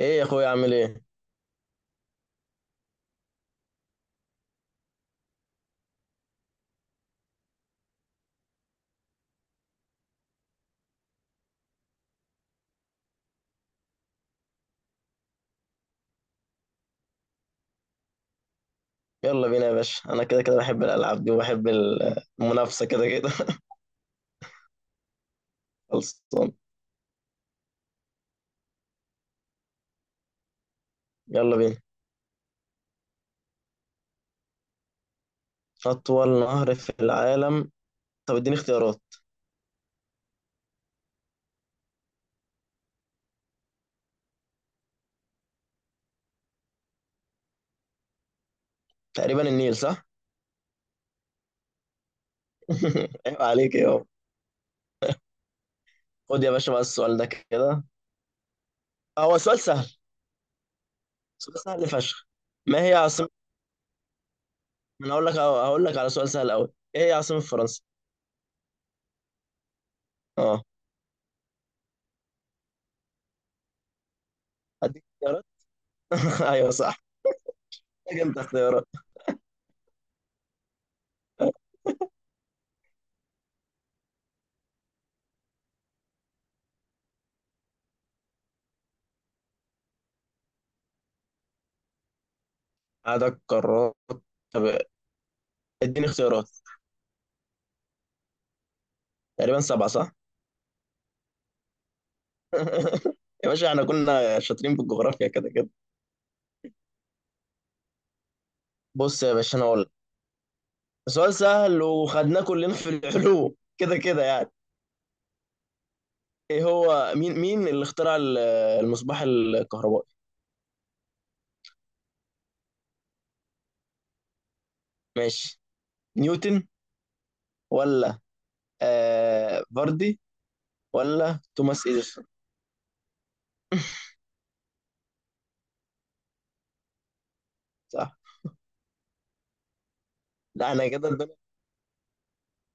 ايه يا اخويا؟ عامل ايه؟ يلا بينا يا باشا، انا كده كده بحب الالعاب دي وبحب المنافسه كده كده. خلصان. يلا بينا. اطول نهر في العالم؟ طب اديني اختيارات. تقريبا النيل، صح؟ عيب عليك يا بابا. خد يا باشا بقى السؤال ده كده. هو سؤال سهل. سؤال سهل فشخ. ما هي عاصمه. انا هقول لك على سؤال سهل قوي. ايه هي عاصمه فرنسا؟ اه. اديك اختيارات. ايوه صح. محتاج انت اختيارات؟ عدد قارات. طب اديني اختيارات. تقريبا سبعه، صح؟ يا باشا احنا كنا شاطرين في الجغرافيا كده كده. بص يا باشا، انا اقول لك. سؤال سهل وخدناه كلنا في العلوم كده كده يعني. ايه هو مين اللي اخترع المصباح الكهربائي؟ ماشي. نيوتن، ولا فاردي، ولا توماس اديسون؟ صح. لا انا كده الدنيا.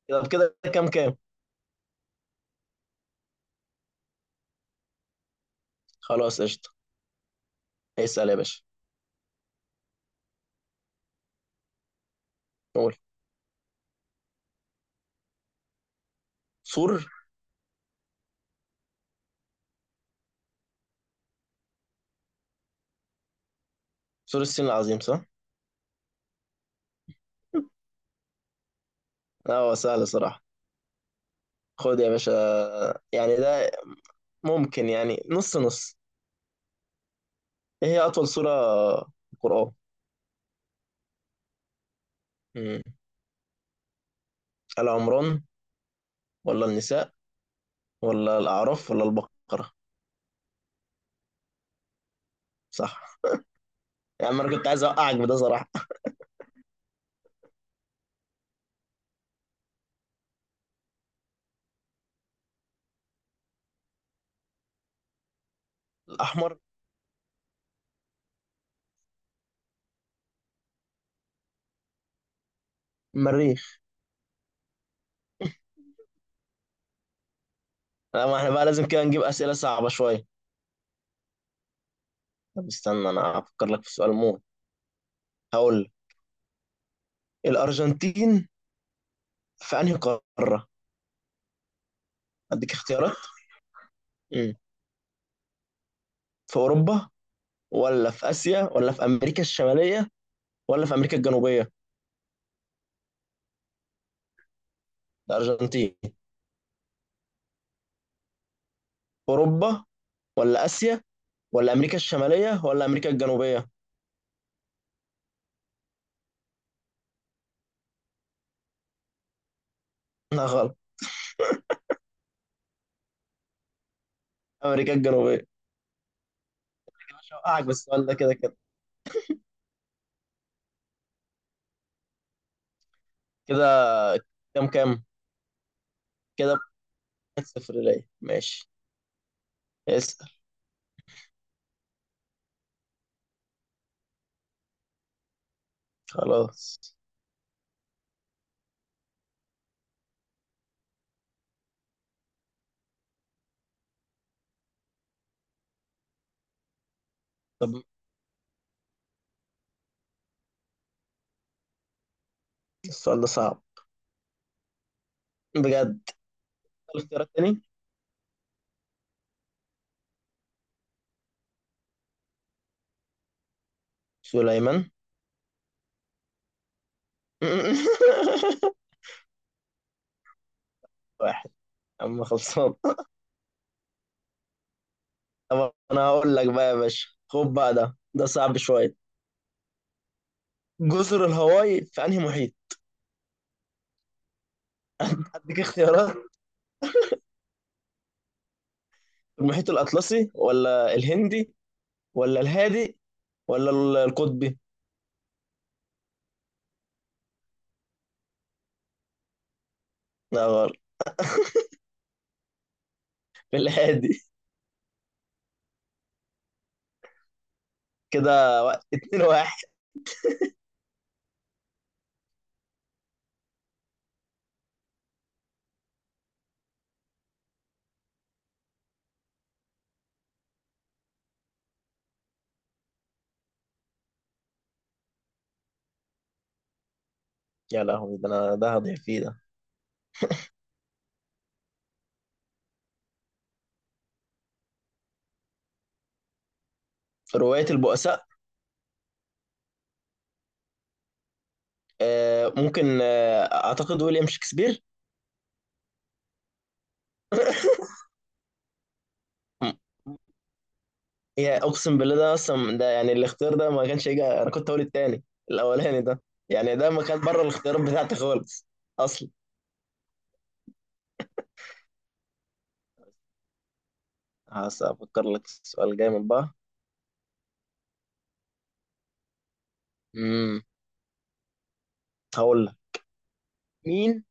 كده كده كام كام. خلاص قشطه. اسال يا باشا. قول. سور سور الصين العظيم، صح. لا هو سهل صراحه. خد يا باشا. يعني ده ممكن يعني نص نص. ايه هي اطول سورة في القرآن؟ مم. آل عمران، ولا النساء، ولا الاعراف، ولا البقرة؟ صح. يعني انا كنت عايز اوقعك بده صراحة. الاحمر. المريخ. لا، ما احنا بقى لازم كده نجيب اسئلة صعبة شوية. طب استنى، انا هفكر لك في سؤال موت. هقول لك. الارجنتين في انهي قارة؟ اديك اختيارات. مم. في اوروبا، ولا في اسيا، ولا في امريكا الشمالية، ولا في امريكا الجنوبية؟ الارجنتين. اوروبا، ولا اسيا، ولا امريكا الشمالية، ولا امريكا الجنوبية؟ لا غلط. امريكا الجنوبيه. مش هوقعك بالسؤال ده كده كده. كده كام كام. كده واحد صفر ليا، ماشي. اسال. خلاص. طب. السؤال ده صعب. بجد. الاختيارات تاني. سليمان. واحد. اما خلصان. طب انا هقول لك بقى يا باشا. خد بقى ده، ده صعب شويه. جزر الهواي في انهي محيط؟ اديك اختيارات. المحيط الاطلسي، ولا الهندي، ولا الهادي، ولا القطبي؟ لا غلط. في الهادي. كده اتنين واحد. يا لهوي، ده انا ده هضيع فيه ده. رواية البؤساء. ممكن اعتقد ويليام شكسبير. م- هي اقسم بالله ده اصلا، ده يعني الاختيار ده ما كانش يجي. انا كنت هقول التاني. الاولاني ده، يعني ده ما كان بره الاختيارات بتاعتي خالص اصلا. افكر لك سؤال جامد بقى. امم هقول لك. مين.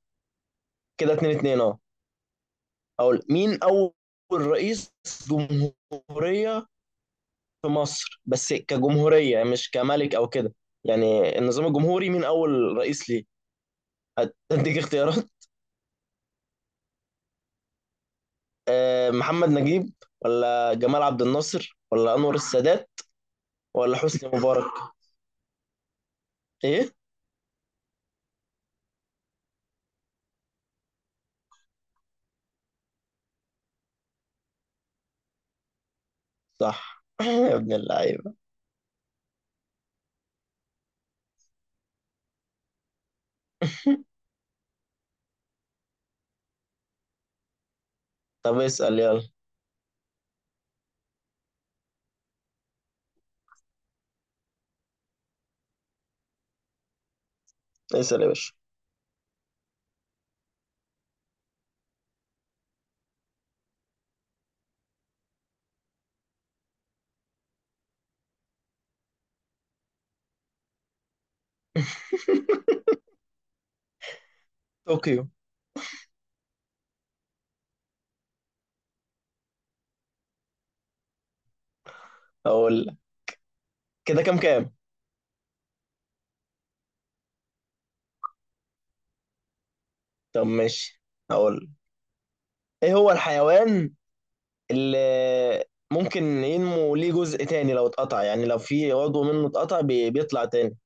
كده اتنين اتنين، اه. هقول مين اول رئيس جمهورية في مصر، بس كجمهورية، مش كملك او كده. يعني النظام الجمهوري، مين اول رئيس ليه. اديك اختيارات. محمد نجيب، ولا جمال عبد الناصر، ولا انور السادات، ولا حسني مبارك؟ ايه. صح. يا ابن اللعيبه. طب اسال يلا. اسال يا باشا. طوكيو. اقول لك. كده كام كام. طب ماشي. اقول لك. ايه هو الحيوان اللي ممكن ينمو ليه جزء تاني لو اتقطع، يعني لو في عضو منه اتقطع بيطلع تاني؟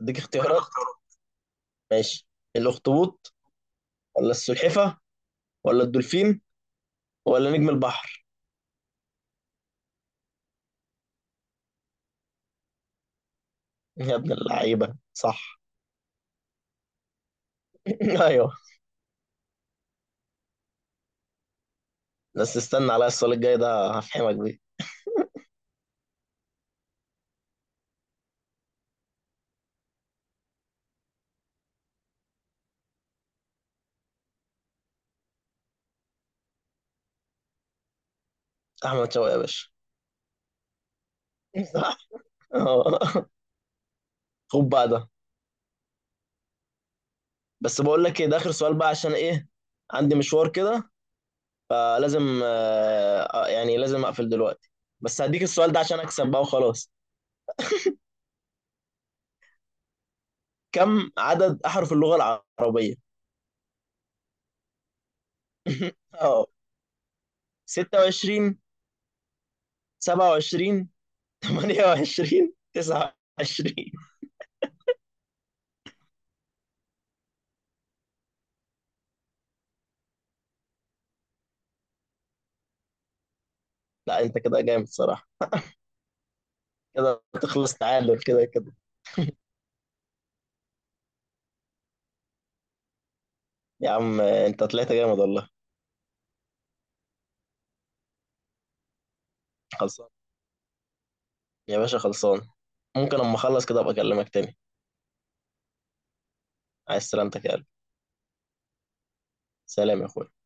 اديك اختيارات. ماشي. الاخطبوط، ولا السلحفه، ولا الدولفين، ولا نجم البحر؟ يا ابن اللعيبة صح. ايوه. بس استنى عليا السؤال الجاي ده، هفهمك بيه. احمد شوقي يا باشا. صح. آه. خد بقى ده. بس بقول لك ايه، ده اخر سؤال بقى عشان ايه. عندي مشوار كده، فلازم يعني لازم اقفل دلوقتي. بس هديك السؤال ده عشان اكسب بقى وخلاص. كم عدد احرف اللغة العربية؟ اه. 26، 27، 28، 29؟ لا انت كده جامد صراحة. كده تخلص تعادل كده كده. يا عم انت طلعت جامد والله. خلصان يا باشا، خلصان. ممكن اما اخلص كده ابقى اكلمك تاني. عايز سلامتك يا قلبي. سلام يا اخويا.